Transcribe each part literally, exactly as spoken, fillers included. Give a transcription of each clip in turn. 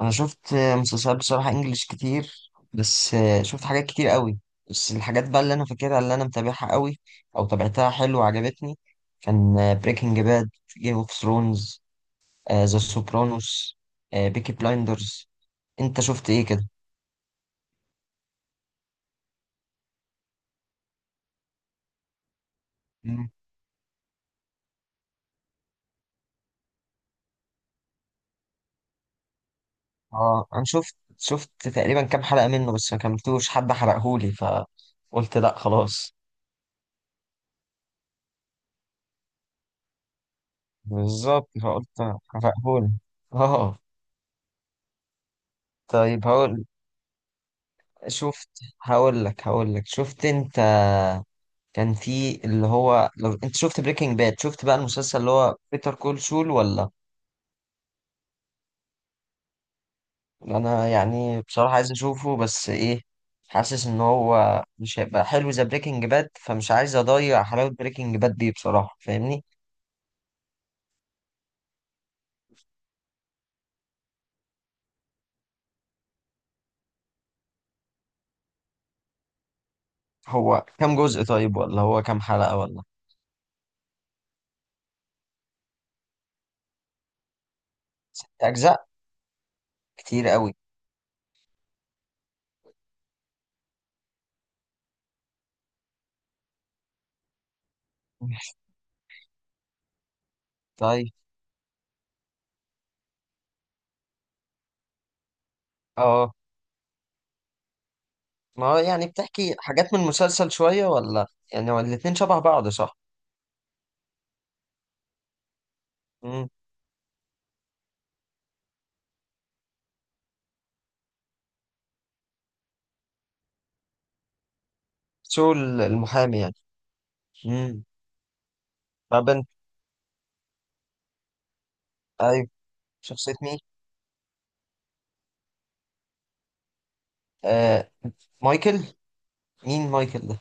انا شفت مسلسلات بصراحه انجليش كتير. بس شفت حاجات كتير قوي. بس الحاجات بقى اللي انا فاكرها، اللي انا متابعها قوي او تابعتها حلو وعجبتني، كان بريكنج باد، جيم اوف ثرونز، ذا سوبرانوس، بيكي بلايندرز. انت شفت ايه كده؟ مم. اه، انا شفت شفت تقريبا كام حلقه منه، بس ما كملتوش، حد حرقهولي فقلت لا خلاص. بالظبط فقلت. حرقهولي. اه. طيب هقول شفت هقول لك هقول لك شفت انت، كان في اللي هو، لو انت شفت بريكنج باد، شفت بقى المسلسل اللي هو بيتر كول سول ولا؟ انا يعني بصراحة عايز اشوفه، بس ايه، حاسس ان هو مش هيبقى حلو زي بريكنج باد، فمش عايز اضيع حلاوة بريكنج باد دي بصراحة، فاهمني؟ هو كام جزء طيب، ولا هو كام حلقة ولا؟ اجزاء. كتير قوي. طيب. اه، ما هو يعني بتحكي حاجات من المسلسل شوية ولا؟ يعني هو الاتنين شبه بعض، صح؟ امم. سول المحامي يعني. امم. ما بنت. ايوه. شخصية مين؟ آه. مايكل. مين مايكل ده؟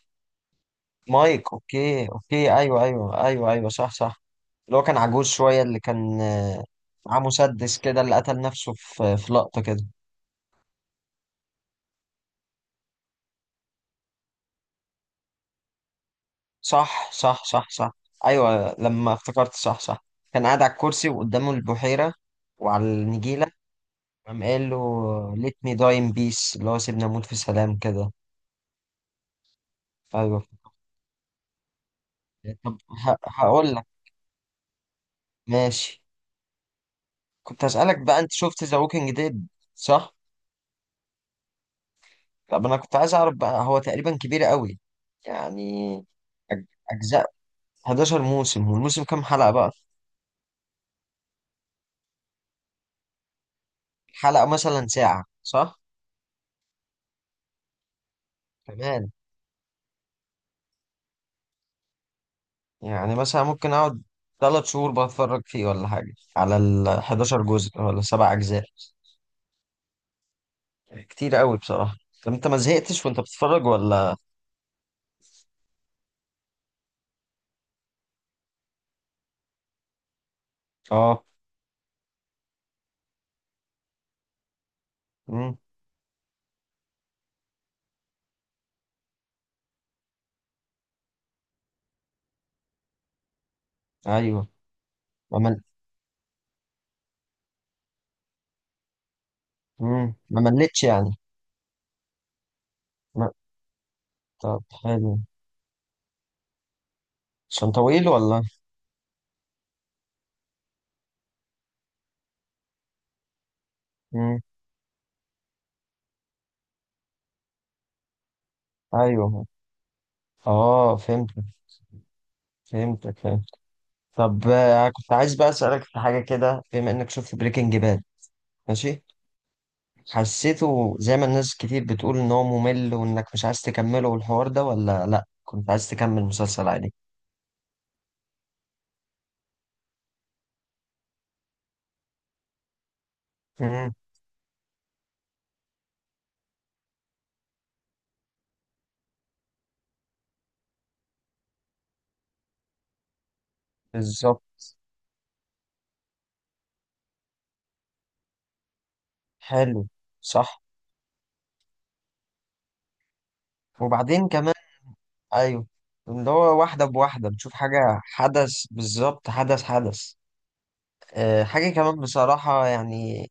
مايك. اوكي اوكي، ايوه ايوه ايوه ايوه، صح صح. اللي هو كان عجوز شوية، اللي كان آه، معاه مسدس كده، اللي قتل نفسه في في لقطة كده. صح صح صح صح. ايوه لما افتكرت، صح صح. كان قاعد على الكرسي وقدامه البحيرة وعلى النجيلة، قام قال له let me die in peace، اللي هو سيبني اموت في سلام كده. ايوه. طب ه- هقول لك. ماشي. كنت هسألك بقى، انت شفت ذا ووكينج ديد، صح؟ طب انا كنت عايز اعرف بقى، هو تقريبا كبير قوي يعني. أج- اجزاء. حداشر موسم، والموسم كام حلقة بقى؟ حلقة مثلا ساعة، صح؟ كمان. يعني مثلا ممكن اقعد ثلاث شهور بتفرج فيه، ولا حاجة على ال الحداشر جزء، ولا سبع اجزاء؟ كتير قوي بصراحة. طب انت ما زهقتش وانت بتتفرج، ولا؟ اه. امم. ايوه. ما مل... مم. ما ملتش يعني. ما... طب حلو. عشان طويل ولا؟ امم. ايوه. اه فهمتك فهمتك فهمت. طب آه، كنت عايز بقى اسالك في حاجه كده، بما انك شفت بريكنج باد. ماشي. حسيته زي ما الناس كتير بتقول، ان هو ممل وانك مش عايز تكمله والحوار ده، ولا لا كنت عايز تكمل مسلسل عادي؟ امم. بالظبط. حلو. صح. وبعدين كمان. ايوه. اللي هو واحده بواحده بتشوف حاجه حدث بالظبط، حدث حدث. آه، حاجه كمان بصراحه يعني،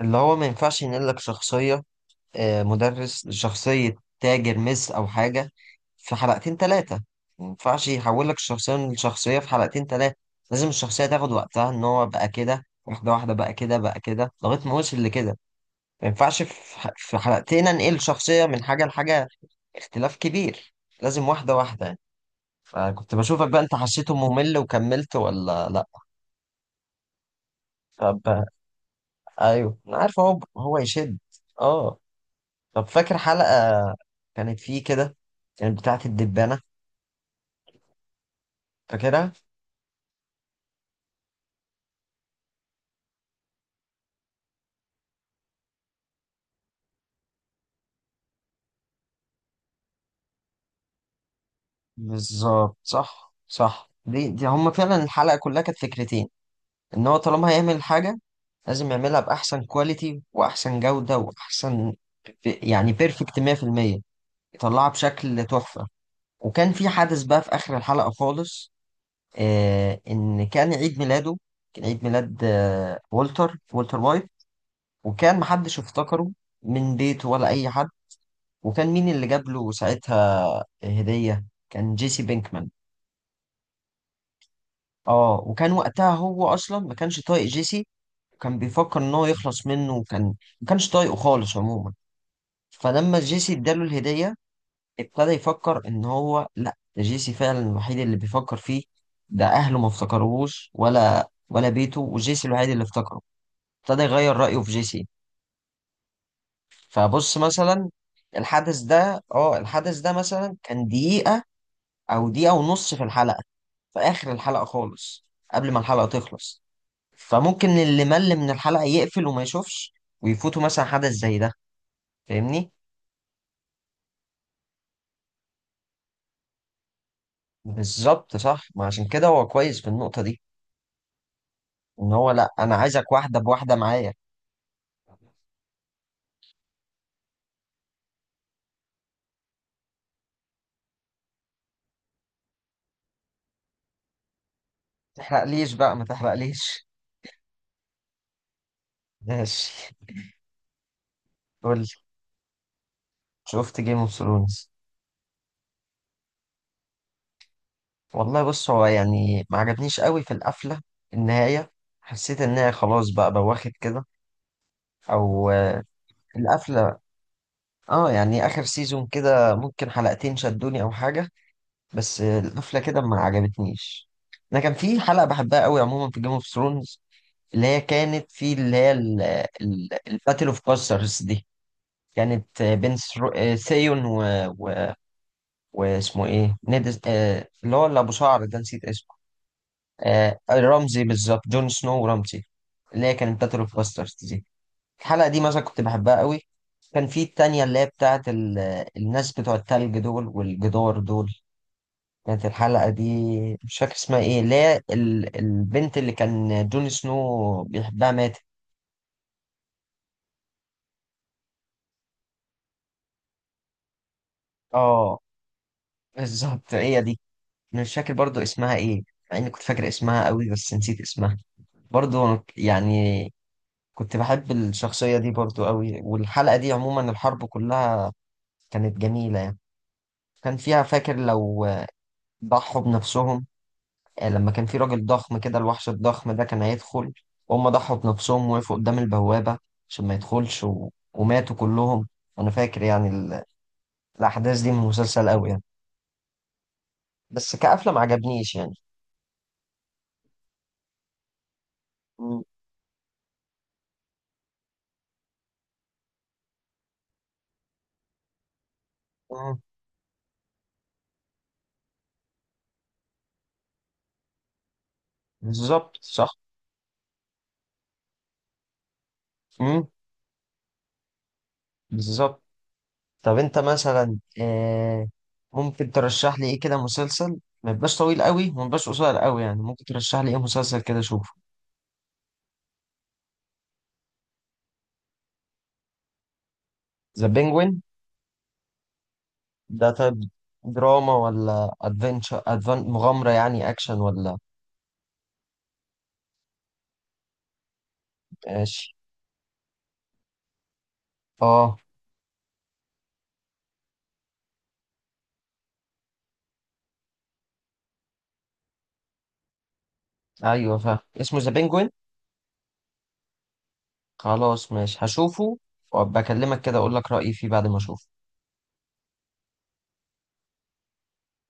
اللي هو ما ينفعش ينقلك شخصيه آه، مدرس لشخصية تاجر مس أو حاجة في حلقتين تلاتة. ما ينفعش يحول لك الشخصية من شخصية في حلقتين تلاتة. لازم الشخصية تاخد وقتها، إن هو بقى كده واحدة واحدة، بقى كده بقى كده لغاية ما وصل لكده. ما ينفعش في ح- في حلقتين أنقل شخصية من حاجة لحاجة. اختلاف كبير. لازم واحدة واحدة يعني. فكنت بشوفك بقى، أنت حسيته ممل وكملت ولا لأ؟ طب. أيوه أنا عارف، هو هو يشد. أه. طب فاكر حلقة كانت فيه كده، كانت بتاعة الدبانة، فاكرها؟ بالظبط صح صح، دي دي هما فعلا الحلقة كلها كانت فكرتين. إن هو طالما هيعمل حاجة لازم يعملها بأحسن كواليتي وأحسن جودة وأحسن، يعني بيرفكت مية في المية، يطلعها بشكل تحفة. وكان في حدث بقى في آخر الحلقة خالص. آه إن كان عيد ميلاده، كان عيد ميلاد آه والتر والتر وايت، وكان محدش افتكره، من بيته ولا أي حد. وكان مين اللي جاب له ساعتها هدية؟ كان جيسي بينكمان. اه. وكان وقتها هو اصلا ما كانش طايق جيسي، وكان بيفكر ان هو يخلص منه، وكان ما كانش طايقه خالص عموما. فلما جيسي اداله الهدية ابتدى يفكر ان هو، لا، ده جيسي فعلا الوحيد اللي بيفكر فيه، ده اهله ما افتكروهوش، ولا ولا بيته، وجيسي الوحيد اللي افتكره. ابتدى يغير رأيه في جيسي. فبص مثلا الحدث ده اه الحدث ده مثلا كان دقيقة او دقيقة ونص في الحلقة، في آخر الحلقة خالص، قبل ما الحلقة تخلص. فممكن اللي مل من الحلقة يقفل وما يشوفش، ويفوته مثلا حدث زي ده، فاهمني؟ بالظبط صح، ما عشان كده هو كويس في النقطة دي. إن هو لأ، أنا عايزك واحدة بواحدة معايا. ما تحرقليش بقى، ما تحرقليش. ماشي. قول. شفت جيم اوف ثرونز. والله بص هو يعني ما عجبنيش قوي في القفله، النهايه. حسيت ان هي خلاص بقى بواخد كده، او آه، القفله. اه يعني اخر سيزون كده ممكن حلقتين شدوني او حاجه، بس القفله كده ما عجبتنيش. انا كان في حلقه بحبها قوي عموما في جيم اوف ثرونز، اللي هي كانت في اللي هي الباتل اوف باسترز دي. كانت بين ثرو- آه، ثيون و... و... واسمه ايه، نيد، آه، اللي هو اللي ابو شعر ده، نسيت اسمه. آه، آه، رمزي بالظبط، جون سنو ورمزي، اللي هي كانت باتل اوف باسترز دي. الحلقة دي مثلا كنت بحبها قوي. كان في التانية اللي هي بتاعت ال... الناس بتوع التلج دول والجدار دول. كانت الحلقة دي، مش فاكر اسمها ايه، اللي هي ال... البنت اللي كان جون سنو بيحبها ماتت. اه بالظبط هي دي. أنا مش فاكر برضو اسمها ايه، مع اني كنت فاكر اسمها قوي بس نسيت اسمها برضو يعني. كنت بحب الشخصية دي برضو قوي، والحلقة دي عموما الحرب كلها كانت جميلة يعني. كان فيها فاكر، لو ضحوا بنفسهم، آه، لما كان في راجل ضخم كده، الوحش الضخم ده كان هيدخل، وهم ضحوا بنفسهم وقفوا قدام البوابة عشان ما يدخلش، و... وماتوا كلهم. أنا فاكر يعني ال... الأحداث دي من المسلسل أوي يعني. بس كقفلة ما عجبنيش يعني. م- م- بالظبط صح. م- بالظبط. طب أنت مثلا آه، ممكن ترشح لي إيه كده مسلسل، ما يبقاش طويل قوي وما يبقاش قصير قوي يعني، ممكن ترشح لي إيه مسلسل كده أشوفه؟ ذا بينجوين. ده طيب. دراما ولا ادفنتشر، أدفن... مغامرة يعني، اكشن ولا؟ ماشي. اه. ايوه فاهم، اسمه ذا بينجوين. خلاص ماشي هشوفه، وابقى اكلمك كده اقول لك رأيي فيه بعد ما اشوفه.